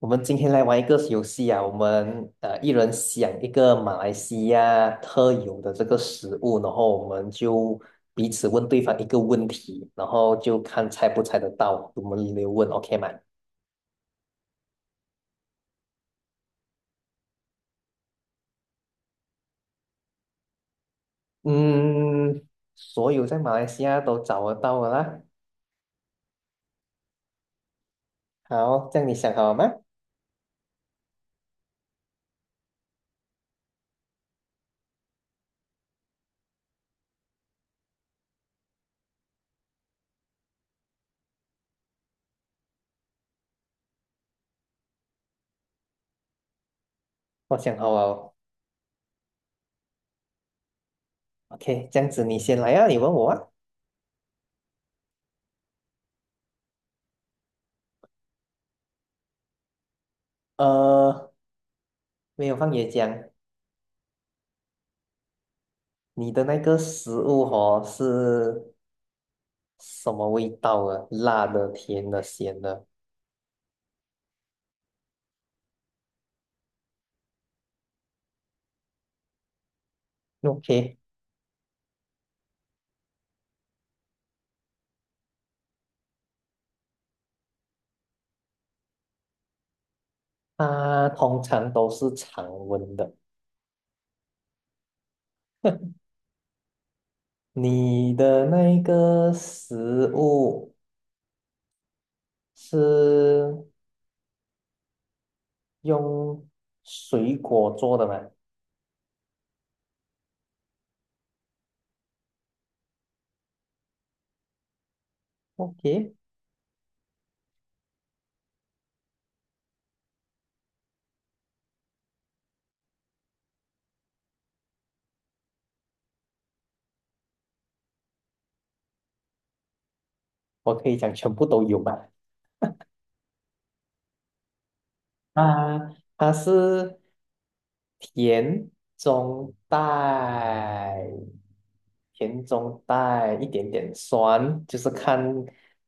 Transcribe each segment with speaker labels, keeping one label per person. Speaker 1: 我们今天来玩一个游戏啊，我们一人想一个马来西亚特有的这个食物，然后我们就彼此问对方一个问题，然后就看猜不猜得到，我们轮流问，OK 吗？嗯，所有在马来西亚都找得到的啦。好，这样你想好了吗？我想好了。OK，这样子你先来啊，你问我啊。呃，没有放椰浆，你的那个食物哦是什么味道啊？辣的、甜的、咸的。OK，它通常都是常温的。你的那个食物是用水果做的吗？OK，我可以讲全部都有吧。啊，它是。甜中带，甜中带一点点酸，就是看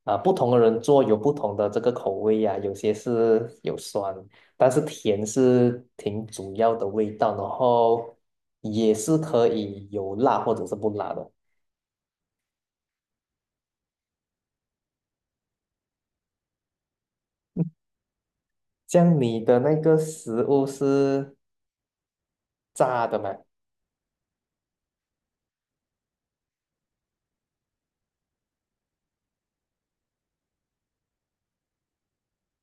Speaker 1: 啊、不同的人做有不同的这个口味呀、有些是有酸，但是甜是挺主要的味道，然后也是可以有辣或者是不辣的。像你的那个食物是炸的吗？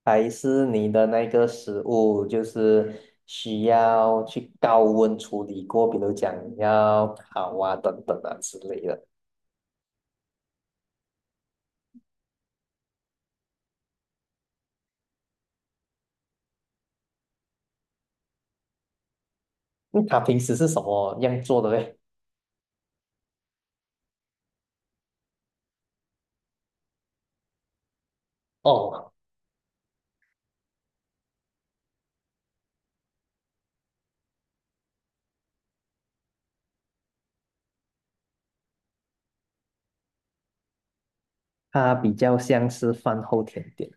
Speaker 1: 还是你的那个食物就是需要去高温处理过，比如讲要烤啊、等等啊之类的。嗯它平时是什么样做的嘞？哦，它比较像是饭后甜点。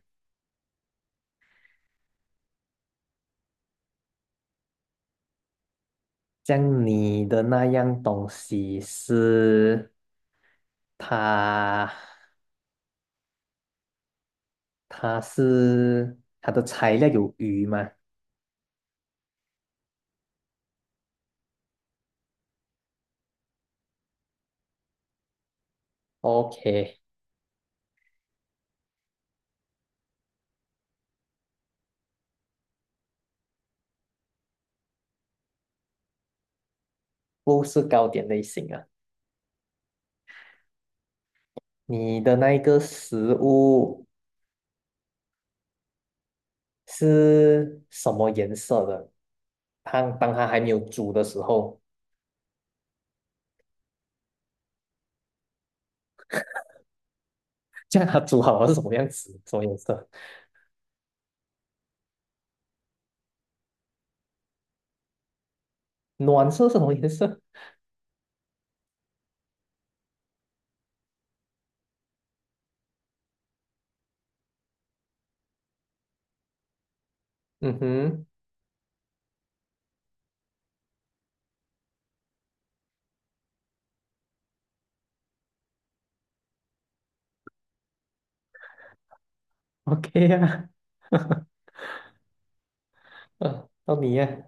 Speaker 1: 像你的那样东西是它，它是它的材料有鱼吗？OK，不是糕点类型啊。你的那一个食物。是什么颜色的？汤当它还没有煮的时候，这样它煮好了是什么样子？什么颜色？暖色是什么颜色？嗯哼，OK 呀、嗯，到你呀、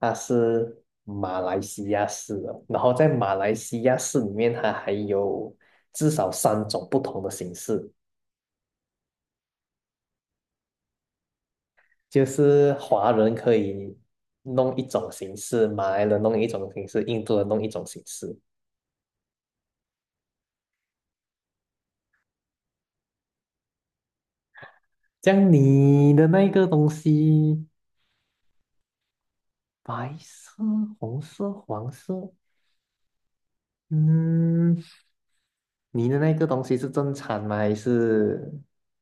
Speaker 1: 它是马来西亚式的，然后在马来西亚式里面，它还有至少三种不同的形式，就是华人可以弄一种形式，马来人弄一种形式，印度人弄一种形式。这样你的那个东西，白色、红色、黄色，嗯，你的那个东西是正餐吗？还是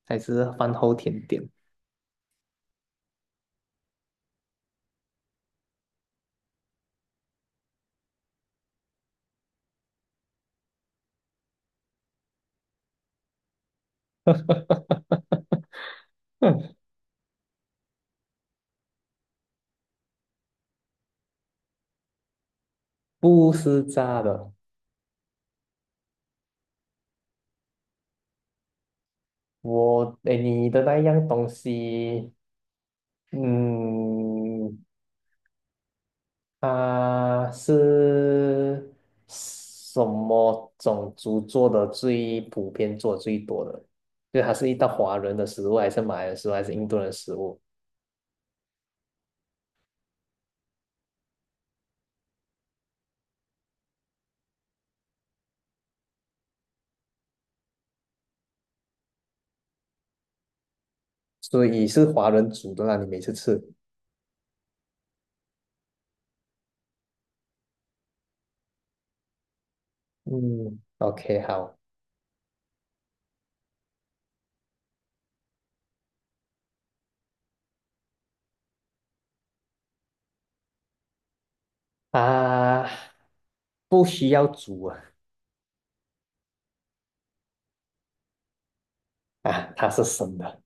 Speaker 1: 还是饭后甜点？不是炸的。我，哎，你的那样东西，嗯，它是什么种族做的最普遍、做得最多的？就它是一道华人的食物，还是马来人食物，还是印度人食物？所以是华人煮的那你每次吃。嗯，OK，好啊，不需要煮啊，啊，它是生的。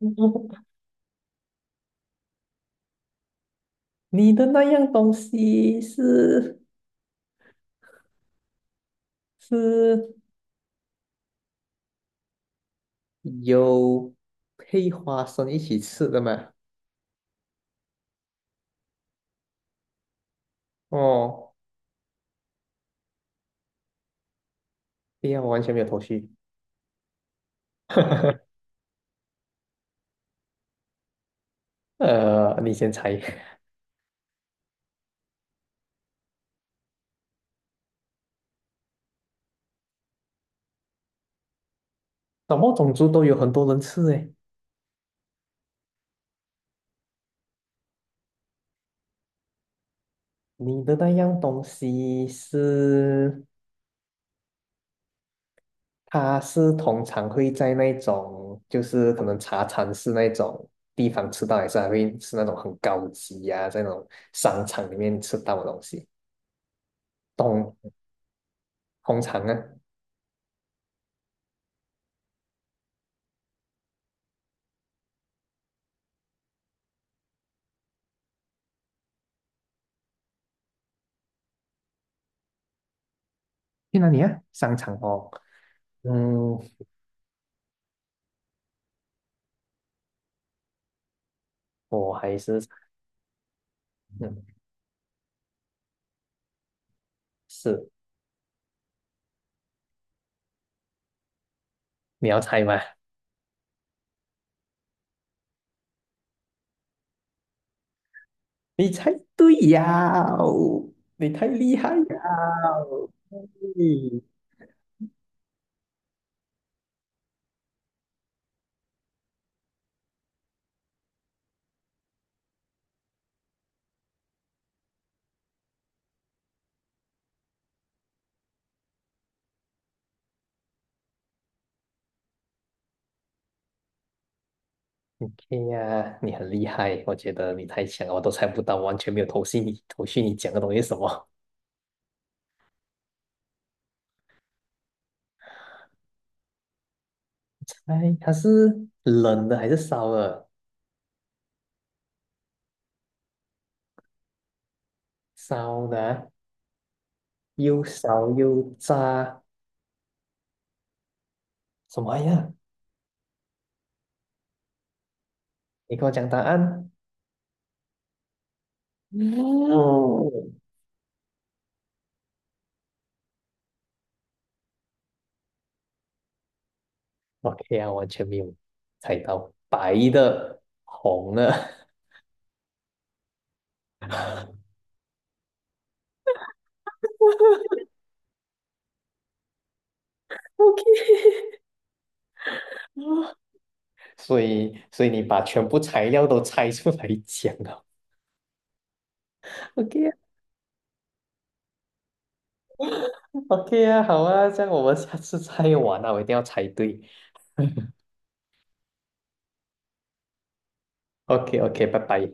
Speaker 1: 你的那样东西是有配花生一起吃的吗？哦，对呀，我完全没有头绪。呃，你先猜，什么种族都有很多人吃诶。你的那样东西是，它是通常会在那种，就是可能茶餐室那种地方吃到，还是还会是那种很高级呀、在那种商场里面吃到的东西。通通常啊，去哪里啊？商场哦。嗯，我还是嗯是，你要猜吗？你猜对呀哦，你太厉害呀哦！哎呀，你很厉害，我觉得你太强了，我都猜不到，完全没有头绪你讲的东西是什么？猜它是冷的还是烧的？烧的啊又烧又炸，什么呀？你跟我讲答案。嗯，OK 啊，完全没有猜到，白的、红的 ，OK 啊，所以你把全部材料都猜出来讲了，OK OK 啊，好啊，这样我们下次再玩啊，我一定要猜对。OK OK，拜拜。